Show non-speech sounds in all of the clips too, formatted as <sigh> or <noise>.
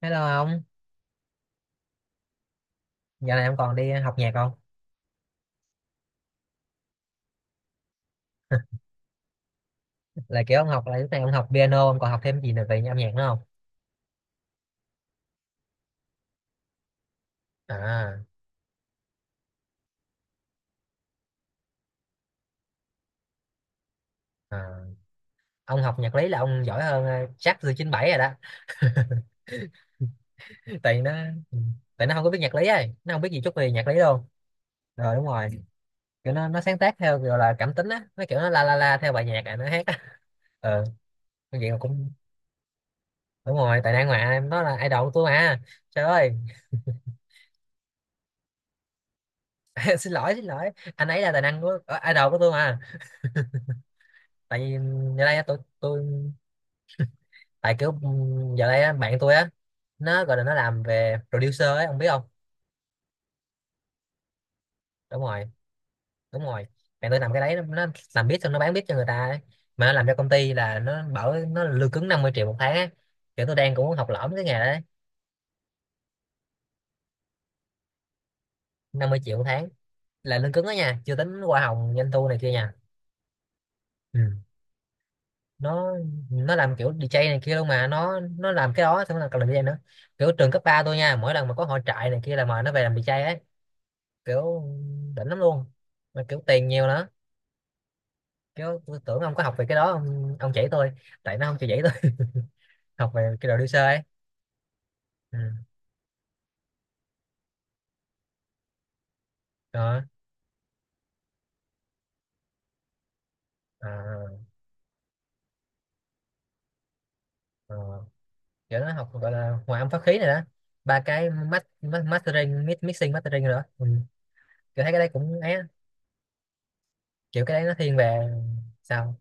Hello ông, giờ này ông còn đi học nhạc không? <laughs> Là kiểu ông học là lúc này ông học piano, ông còn học thêm gì nữa về âm nhạc nữa không? À, à, ông học nhạc lý là ông giỏi hơn chắc từ 97 rồi đó. <laughs> Tại nó. Ừ, tại nó không có biết nhạc lý ấy, nó không biết gì chút về nhạc lý luôn. Rồi đúng rồi, kiểu nó sáng tác theo gọi là cảm tính á, nó kiểu nó la la la theo bài nhạc à nó hát á. <laughs> Ờ, cái chuyện cũng đúng rồi, tài năng mà em nói là idol của tôi mà. Trời ơi, <laughs> xin lỗi, anh ấy là tài năng của idol của tôi mà. Tại vì ừ, giờ đây tôi tại kiểu giờ đây á, bạn tôi á, nó gọi là nó làm về producer ấy ông biết không? Đúng rồi, đúng rồi, bạn tôi làm cái đấy, nó làm beat xong nó bán beat cho người ta ấy. Mà nó làm cho công ty là nó bảo nó là lương cứng 50 triệu một tháng á, kiểu tôi đang cũng muốn học lỏm cái nghề đấy. Năm mươi triệu một tháng là lương cứng đó nha, chưa tính hoa hồng doanh thu này kia nha. Ừ, nó nó làm kiểu DJ này kia luôn mà nó làm cái đó xong nó còn làm DJ nữa, kiểu trường cấp 3 tôi nha, mỗi lần mà có hội trại này kia là mời nó về làm DJ ấy, kiểu đỉnh lắm luôn, mà kiểu tiền nhiều nữa. Kiểu tôi tưởng ông có học về cái đó ông chỉ tôi, tại nó không chịu dạy tôi. <laughs> Học về cái đồ sơ ấy. Ừ. Đó. à, à, kiểu nó học gọi là hòa âm pháp khí này đó, ba cái mastering, mixing mastering rồi đó, ừ. Kiểu thấy cái đấy cũng ấy á. Kiểu cái đấy nó thiên về, sao,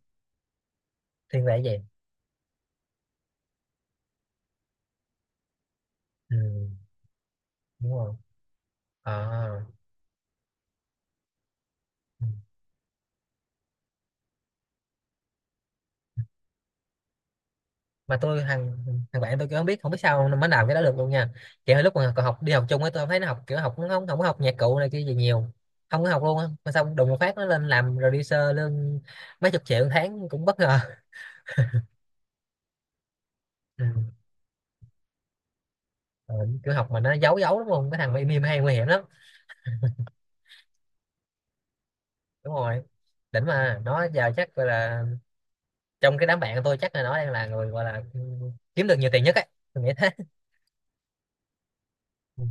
thiên về cái gì? Ừ. Đúng rồi. À, ừ. Mà tôi thằng thằng bạn tôi kiểu không biết sao nó mới làm cái đó được luôn nha. Kiểu lúc mà còn học đi học chung ấy, tôi không thấy nó học, kiểu học nó không không có học nhạc cụ này kia gì nhiều, không có học luôn á, mà xong đùng một phát nó lên làm producer lương mấy chục triệu một tháng cũng bất ngờ. Ừ. Ờ, kiểu học mà nó giấu giấu đúng không, cái thằng mà im im hay nguy hiểm lắm. Đúng rồi, đỉnh mà. Nó giờ chắc gọi là, trong cái đám bạn của tôi chắc là nó đang là người gọi là ừ, kiếm được nhiều tiền nhất ấy, tôi nghĩ thế. Ừ.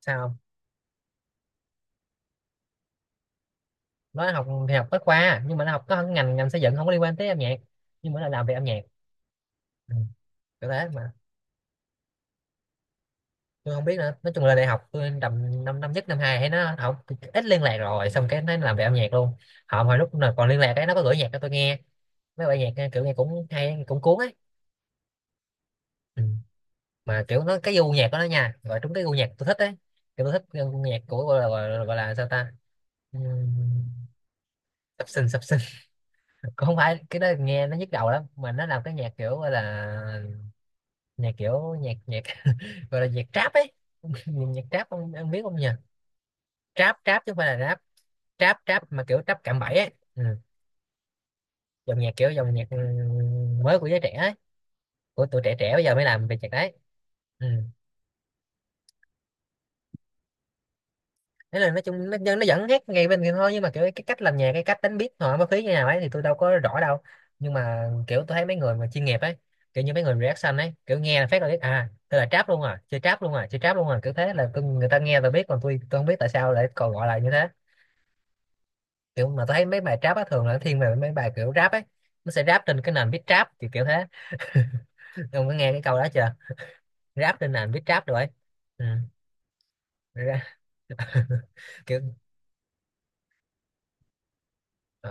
Sao không? Nó học thì học bách khoa nhưng mà nó học có ngành ngành xây dựng, không có liên quan tới âm nhạc, nhưng mà nó làm về âm nhạc. Ừ, kiểu thế mà tôi không biết nữa, nói chung là đại học tôi tầm năm, năm nhất năm hai thấy nó học, ít liên lạc rồi xong cái nó làm về âm nhạc luôn. Họ hồi lúc nào còn liên lạc ấy nó có gửi nhạc cho tôi nghe, mấy bài nhạc kiểu nghe cũng hay cũng cuốn ấy. Ừ. Mà kiểu nó, cái gu nhạc của nó nha, gọi trúng cái gu nhạc tôi thích ấy. Kiểu tôi thích cái gu nhạc của gọi là sao ta? Ừm, sập sình sập sình. <laughs> Cũng không phải cái đó nghe nó nhức đầu lắm, mà nó làm cái nhạc kiểu gọi là, nhạc kiểu nhạc nhạc <laughs> gọi là nhạc trap ấy. Nhạc trap ông biết không nhỉ? Trap trap chứ không phải là rap. Trap trap, mà kiểu trap cạm bẫy ấy, ừ. Dòng nhạc kiểu dòng nhạc ừ, mới của giới trẻ ấy. Của tụi trẻ trẻ bây giờ mới làm về nhạc đấy. Ừ. Thế là nói chung nó vẫn hát ngay bên kia thôi nhưng mà kiểu cái cách làm nhạc, cái cách đánh beat họ mới phí như nào ấy thì tôi đâu có rõ đâu. Nhưng mà kiểu tôi thấy mấy người mà chuyên nghiệp ấy, kiểu như mấy người reaction ấy, kiểu nghe là phát là biết à, tôi là trap luôn à, chơi trap luôn à, chơi trap luôn à, kiểu thế, là tôi, người ta nghe là biết còn tôi không biết tại sao lại còn gọi là như thế. Kiểu mà tôi thấy mấy bài trap á thường là nó thiên về mấy bài kiểu rap ấy, nó sẽ rap trên cái nền beat trap kiểu kiểu thế. Ông có nghe cái câu đó chưa? Rap trên nền viết rap rồi ấy. Ừ. ra- <laughs> Kiểu ờ,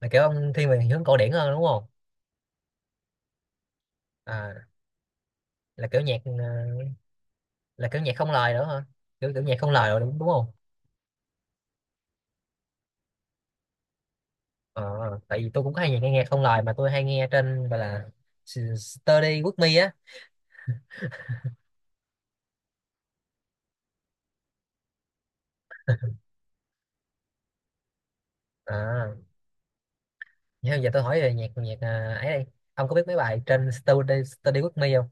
là kiểu ông thiên về hướng cổ điển hơn đúng không? À, là kiểu nhạc là kiểu nhạc không lời nữa hả? Kiểu Kiểu nhạc không lời rồi đúng, đúng không? Ờ, ờ, tại vì tôi cũng có hay nghe, nghe không lời, mà tôi hay nghe trên gọi là Study with me á. À, nhưng giờ tôi hỏi về nhạc nhạc à, ấy đây, ông có biết mấy bài trên Study Study with me không?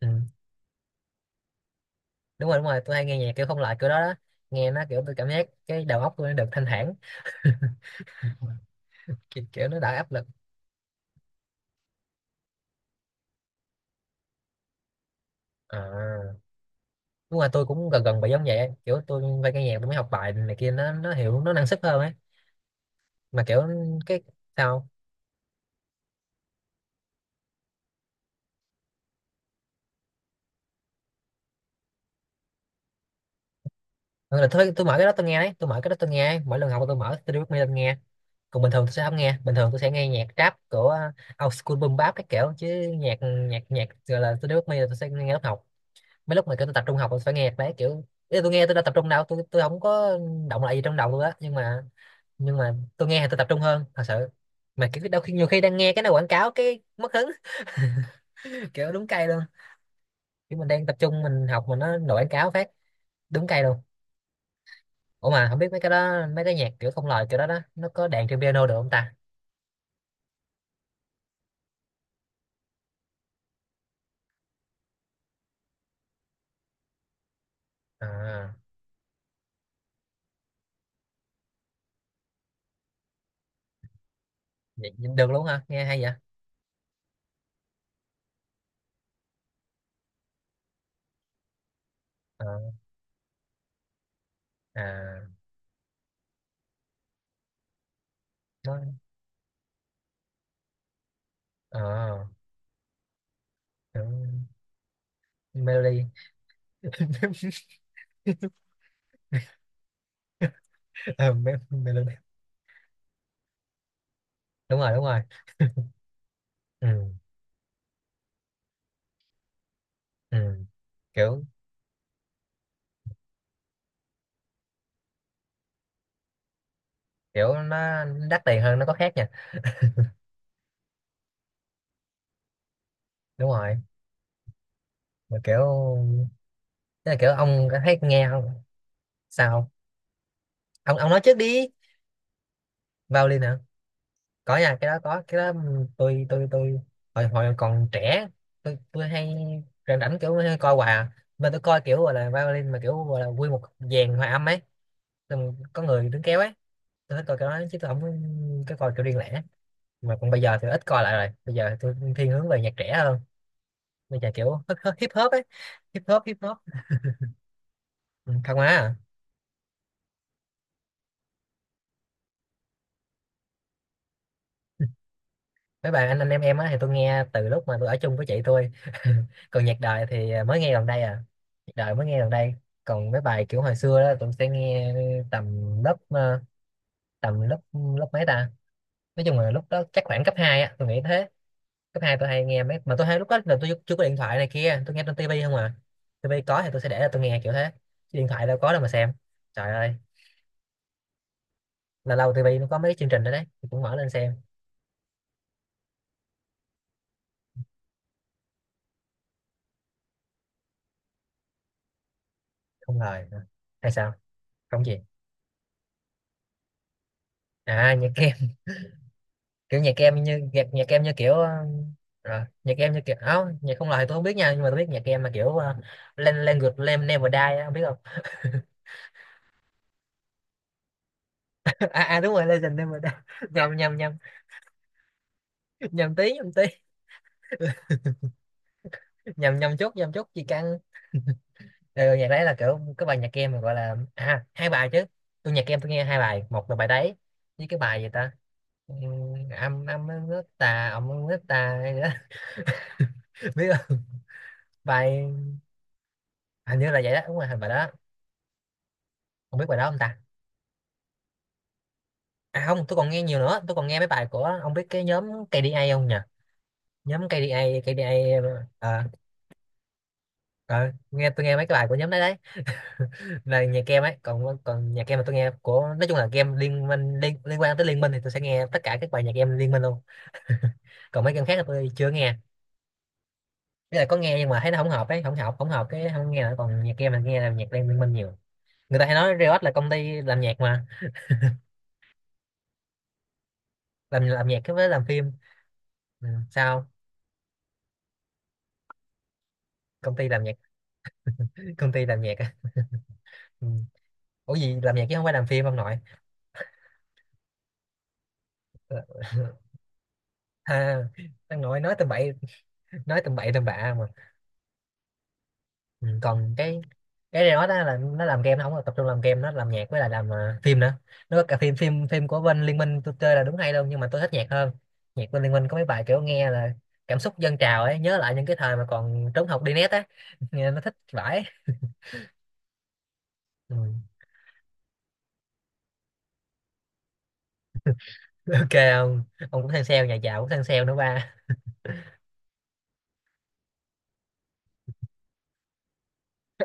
Ừ. Đúng rồi đúng rồi, tôi hay nghe nhạc kiểu không lời kiểu đó đó, nghe nó kiểu tôi cảm giác cái đầu óc tôi nó được thanh thản, kiểu nó đỡ áp lực. À đúng rồi, tôi cũng gần gần bị giống vậy ấy. Kiểu tôi phải nghe nhạc tôi mới học bài này kia, nó hiểu nó năng suất hơn ấy, mà kiểu cái, sao? Thật là thôi tôi mở cái đó tôi nghe đấy, tôi mở cái đó tôi nghe ấy. Mỗi lần học tôi mở tôi me lên nghe, còn bình thường tôi sẽ không nghe, bình thường tôi sẽ nghe nhạc rap của old school boom bap các kiểu chứ. Nhạc nhạc nhạc Gọi là tôi đưa me là tôi sẽ nghe lớp học, mấy lúc mà kiểu tôi tập trung học tôi phải nghe nhạc đấy, kiểu ý là tôi nghe tôi đã tập trung đâu, tôi không có động lại gì trong đầu tôi á, nhưng mà tôi nghe thì tôi tập trung hơn thật sự. Mà kiểu đôi khi nhiều khi đang nghe cái nào quảng cáo cái mất hứng, kiểu đúng cây luôn, kiểu mình đang tập trung mình học mà nó nổi quảng cáo phát, đúng cây luôn. Ủa mà không biết mấy cái đó, mấy cái nhạc kiểu không lời kiểu đó đó nó có đàn trên piano được không ta? À, vậy được luôn hả, nghe hay vậy. Ờ, à nó ờ, kiểu melody. <laughs> Ờ, melody đúng rồi đúng rồi. Ừ, ừ. kiểu Kiểu nó đắt tiền hơn nó có khác nha. Đúng rồi. Mà kiểu tức là kiểu ông có thấy nghe không? Sao không? Ông ông nói trước đi. Vào liền nè. Có nha, cái đó có, cái đó tôi hồi hồi còn trẻ tôi hay rảnh rảnh kiểu hay coi hoài à. Mà tôi coi kiểu gọi là violin mà kiểu gọi là quy một dàn hòa âm ấy, xong có người đứng kéo ấy. Tôi thích coi cái đó chứ tôi không có cái coi kiểu riêng lẻ. Mà còn bây giờ tôi ít coi lại rồi, bây giờ tôi thiên hướng về nhạc trẻ hơn, bây giờ kiểu hip hop ấy, hip hop hip hop. Ừ, thật mà. Mấy bài anh em á thì tôi nghe từ lúc mà tôi ở chung với chị tôi. <laughs> Còn nhạc đời thì à, mới nghe gần đây à, nhạc đời mới nghe gần đây. Còn mấy bài kiểu hồi xưa đó tôi sẽ nghe tầm lớp ờ, tầm lớp lớp mấy ta? Nói chung là lúc đó chắc khoảng cấp 2 á tôi nghĩ thế. cấp 2 tôi hay nghe mấy mà tôi hay lúc đó là tôi chưa có điện thoại này kia, tôi nghe trên tivi không à, tivi có thì tôi sẽ để là tôi nghe kiểu thế. Chứ điện thoại đâu có đâu mà xem. Trời ơi, là lâu tivi nó có mấy cái chương trình đó đấy tôi cũng mở lên xem. Không ngờ hay sao? Không gì? À nhạc. <laughs> Kiểu nhạc em như nhạc nhạc em như kiểu rồi nhạc em như kiểu áo nhạc không lời thì tôi không biết nha, nhưng mà tôi biết nhạc em mà kiểu Language Lam Never Die á, không biết không? <laughs> À, à đúng rồi Legend Never Die. <laughs> Nhầm nhầm nhầm nhầm tí nhầm tí nhầm nhầm chút Gì căng. Ừ, nhạc đấy là kiểu cái bài nhạc em mà gọi là, à hai bài chứ, tôi nhạc em tôi nghe hai bài, một là bài đấy với cái bài gì ta? Ừ, âm âm nước ta, nước ta hay gì đó. <laughs> Biết không? bài Hình như là vậy đó, đúng rồi hình bài đó. Không biết bài đó không ta? À không, tôi còn nghe nhiều nữa, tôi còn nghe mấy bài của ông biết cái nhóm KDA không nhỉ? Nhóm KDA, KDA. À, à, nghe tôi nghe mấy cái bài của nhóm đấy đấy. <laughs> Là nhạc kem ấy, còn còn nhạc kem mà tôi nghe của nói chung là game liên minh, liên quan tới liên minh thì tôi sẽ nghe tất cả các bài nhạc game liên minh luôn. Còn mấy game khác là tôi chưa nghe. Bây giờ có nghe nhưng mà thấy nó không hợp ấy, không hợp cái không nghe nữa. Còn nhạc kem là nghe là nhạc game liên minh nhiều. Người ta hay nói Riot là công ty làm nhạc mà, làm nhạc với làm phim. Ừ, sao? Công ty làm nhạc, công ty làm nhạc. À? Ừ. Ủa gì làm nhạc chứ không phải làm phim ông nội? À, ông nội nói tầm bậy, nói tầm bậy tầm bạ mà. Ừ, còn cái này nói đó là nó làm game, nó không có tập trung làm game, nó làm nhạc với lại làm phim nữa. Nó có cả phim phim phim của bên Liên Minh tôi chơi là đúng hay đâu, nhưng mà tôi thích nhạc hơn. Nhạc bên Liên Minh có mấy bài kiểu nghe là cảm xúc dâng trào ấy, nhớ lại những cái thời mà còn trốn học đi net á. <laughs> Nghe nó thích vãi. Ừ. OK ông. Ông cũng sang sale, nhà giàu cũng sang sale nữa ba. <laughs>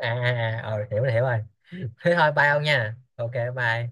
À, à, à, ờ hiểu rồi hiểu rồi. Thế thôi bye ông nha, OK bye.